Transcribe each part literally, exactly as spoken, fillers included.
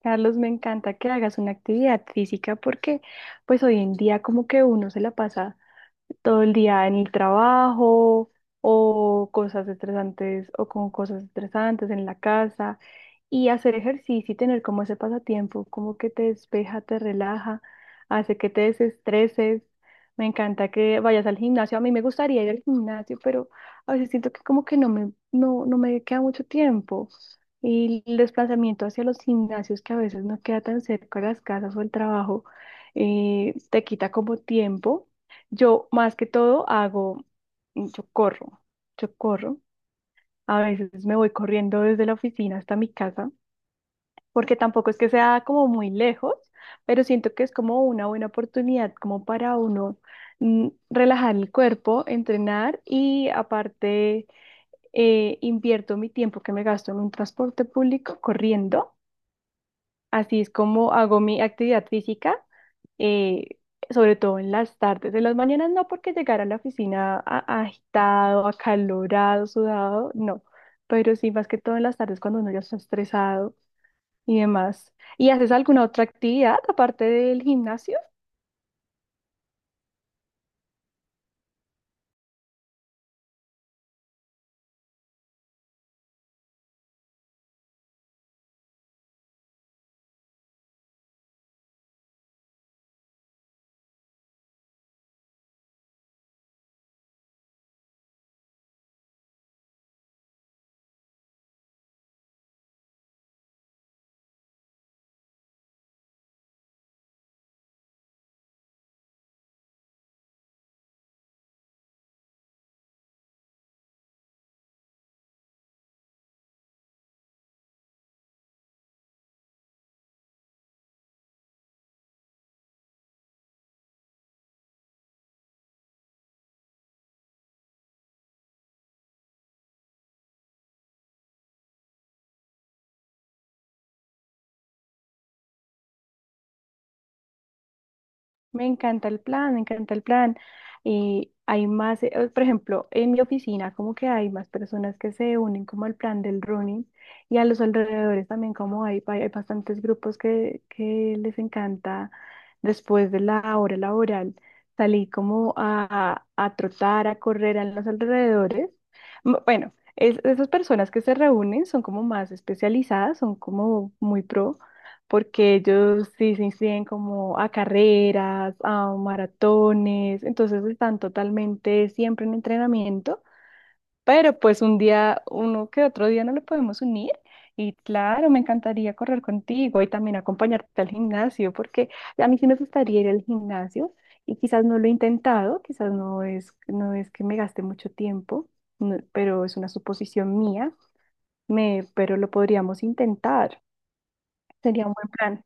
Carlos, me encanta que hagas una actividad física porque pues hoy en día como que uno se la pasa todo el día en el trabajo o cosas estresantes o con cosas estresantes en la casa y hacer ejercicio y tener como ese pasatiempo, como que te despeja, te relaja, hace que te desestreses. Me encanta que vayas al gimnasio. A mí me gustaría ir al gimnasio, pero a veces siento que como que no me, no, no me queda mucho tiempo. Y el desplazamiento hacia los gimnasios que a veces no queda tan cerca de las casas o el trabajo, eh, te quita como tiempo. Yo más que todo hago, yo corro, yo corro. A veces me voy corriendo desde la oficina hasta mi casa, porque tampoco es que sea como muy lejos, pero siento que es como una buena oportunidad como para uno mm, relajar el cuerpo, entrenar y aparte eh, invierto mi tiempo que me gasto en un transporte público corriendo. Así es como hago mi actividad física, eh, sobre todo en las tardes. En las mañanas no, porque llegar a la oficina a- agitado, acalorado, sudado, no. Pero sí, más que todo en las tardes cuando uno ya está estresado y demás. ¿Y haces alguna otra actividad aparte del gimnasio? Me encanta el plan, me encanta el plan. Y hay más, eh, por ejemplo, en mi oficina como que hay más personas que se unen como al plan del running y a los alrededores también como hay, hay, hay bastantes grupos que, que les encanta después de la hora laboral salir como a, a trotar, a correr a los alrededores. M- Bueno, es- esas personas que se reúnen son como más especializadas, son como muy pro porque ellos sí se inscriben como a carreras, a maratones, entonces están totalmente siempre en entrenamiento, pero pues un día, uno que otro día no lo podemos unir. Y claro, me encantaría correr contigo y también acompañarte al gimnasio, porque a mí sí me gustaría ir al gimnasio y quizás no lo he intentado, quizás no es, no es que me gaste mucho tiempo, no- pero es una suposición mía, me, pero lo podríamos intentar. Sería un buen plan.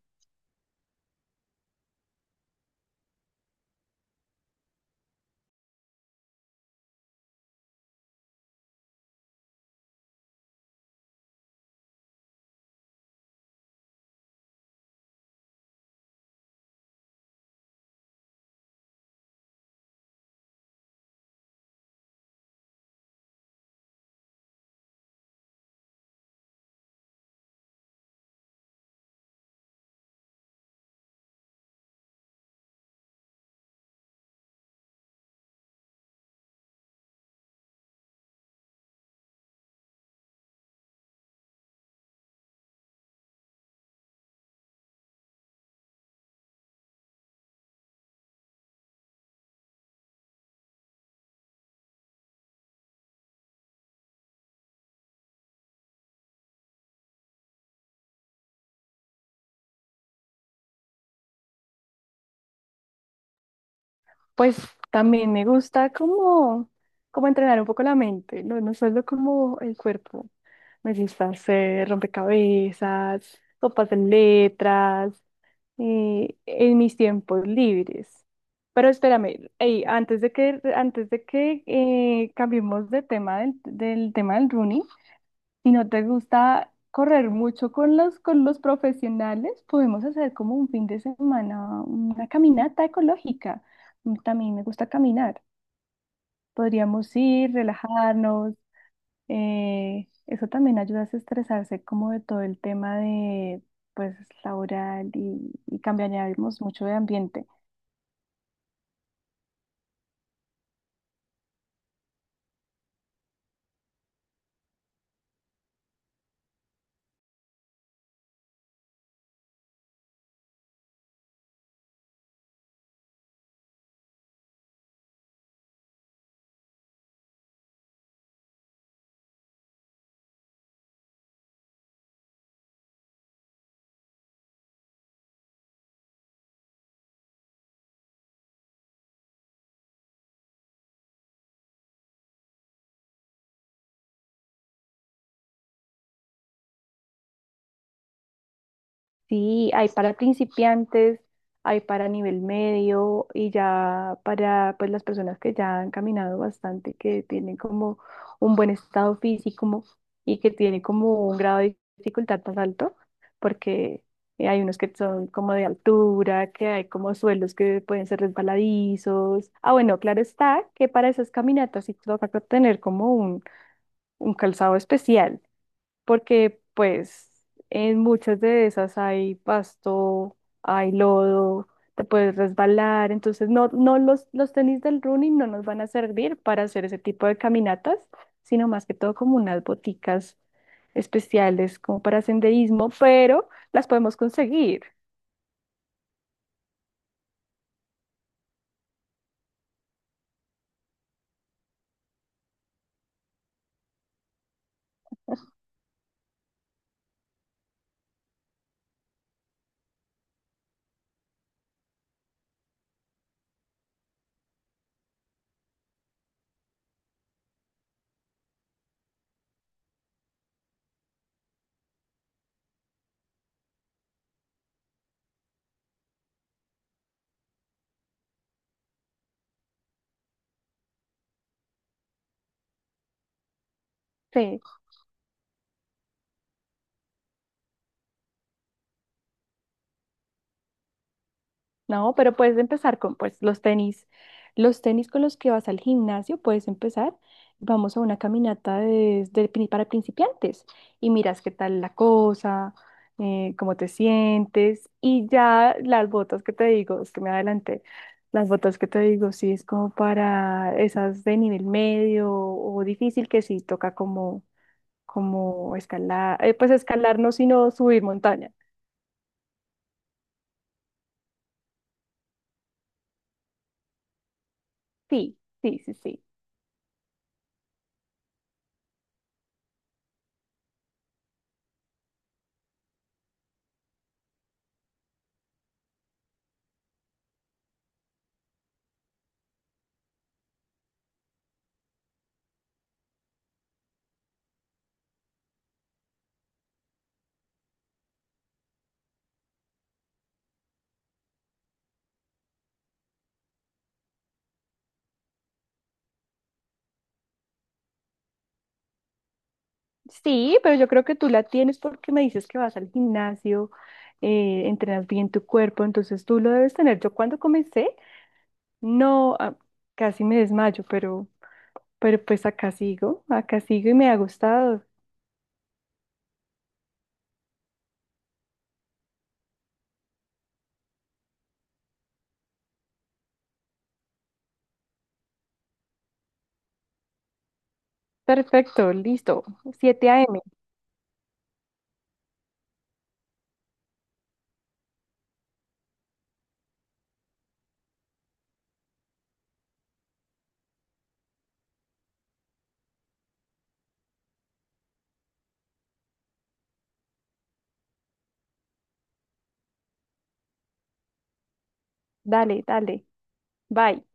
Pues también me gusta como, como entrenar un poco la mente, no, no solo como el cuerpo. Me gusta hacer rompecabezas, copas de letras, eh, en mis tiempos libres. Pero espérame, ey, antes de que, antes de que eh, cambiemos de tema del, del tema del running, si no te gusta correr mucho con los, con los profesionales, podemos hacer como un fin de semana una caminata ecológica. Mm, también me gusta caminar. Podríamos ir, relajarnos. Eh, eso también ayuda a estresarse como de todo el tema de, pues, laboral y, y cambiaríamos mucho de ambiente. Sí, hay para principiantes, hay para nivel medio y ya para pues las personas que ya han caminado bastante, que tienen como un buen estado físico mo- y que tienen como un grado de dificultad más alto, porque eh, hay unos que son como de altura, que hay como suelos que pueden ser resbaladizos. Ah, bueno, claro está que para esas caminatas sí toca tener como un, un calzado especial porque pues en muchas de esas hay pasto, hay lodo, te puedes resbalar, entonces no, no los, los tenis del running no nos van a servir para hacer ese tipo de caminatas, sino más que todo como unas boticas especiales como para senderismo, pero las podemos conseguir. ¿Sí? No, pero puedes empezar con pues los tenis, los tenis con los que vas al gimnasio, puedes empezar. Vamos a una caminata de- de pri- para principiantes y miras qué tal la cosa, eh, cómo te sientes y ya las botas que te digo, es que me adelanté, las botas que te digo, sí es como para esas de nivel medio o difícil que sí toca como, como escalar, eh, pues escalar no, sino subir montaña. Sí, sí, sí, sí. Sí, pero yo creo que tú la tienes porque me dices que vas al gimnasio, eh, entrenas bien tu cuerpo, entonces tú lo debes tener. Yo cuando comencé, no, ah, casi me desmayo, pero, pero pues acá sigo, acá sigo y me ha gustado. Perfecto, listo. siete de la mañana. Dale, dale. Bye.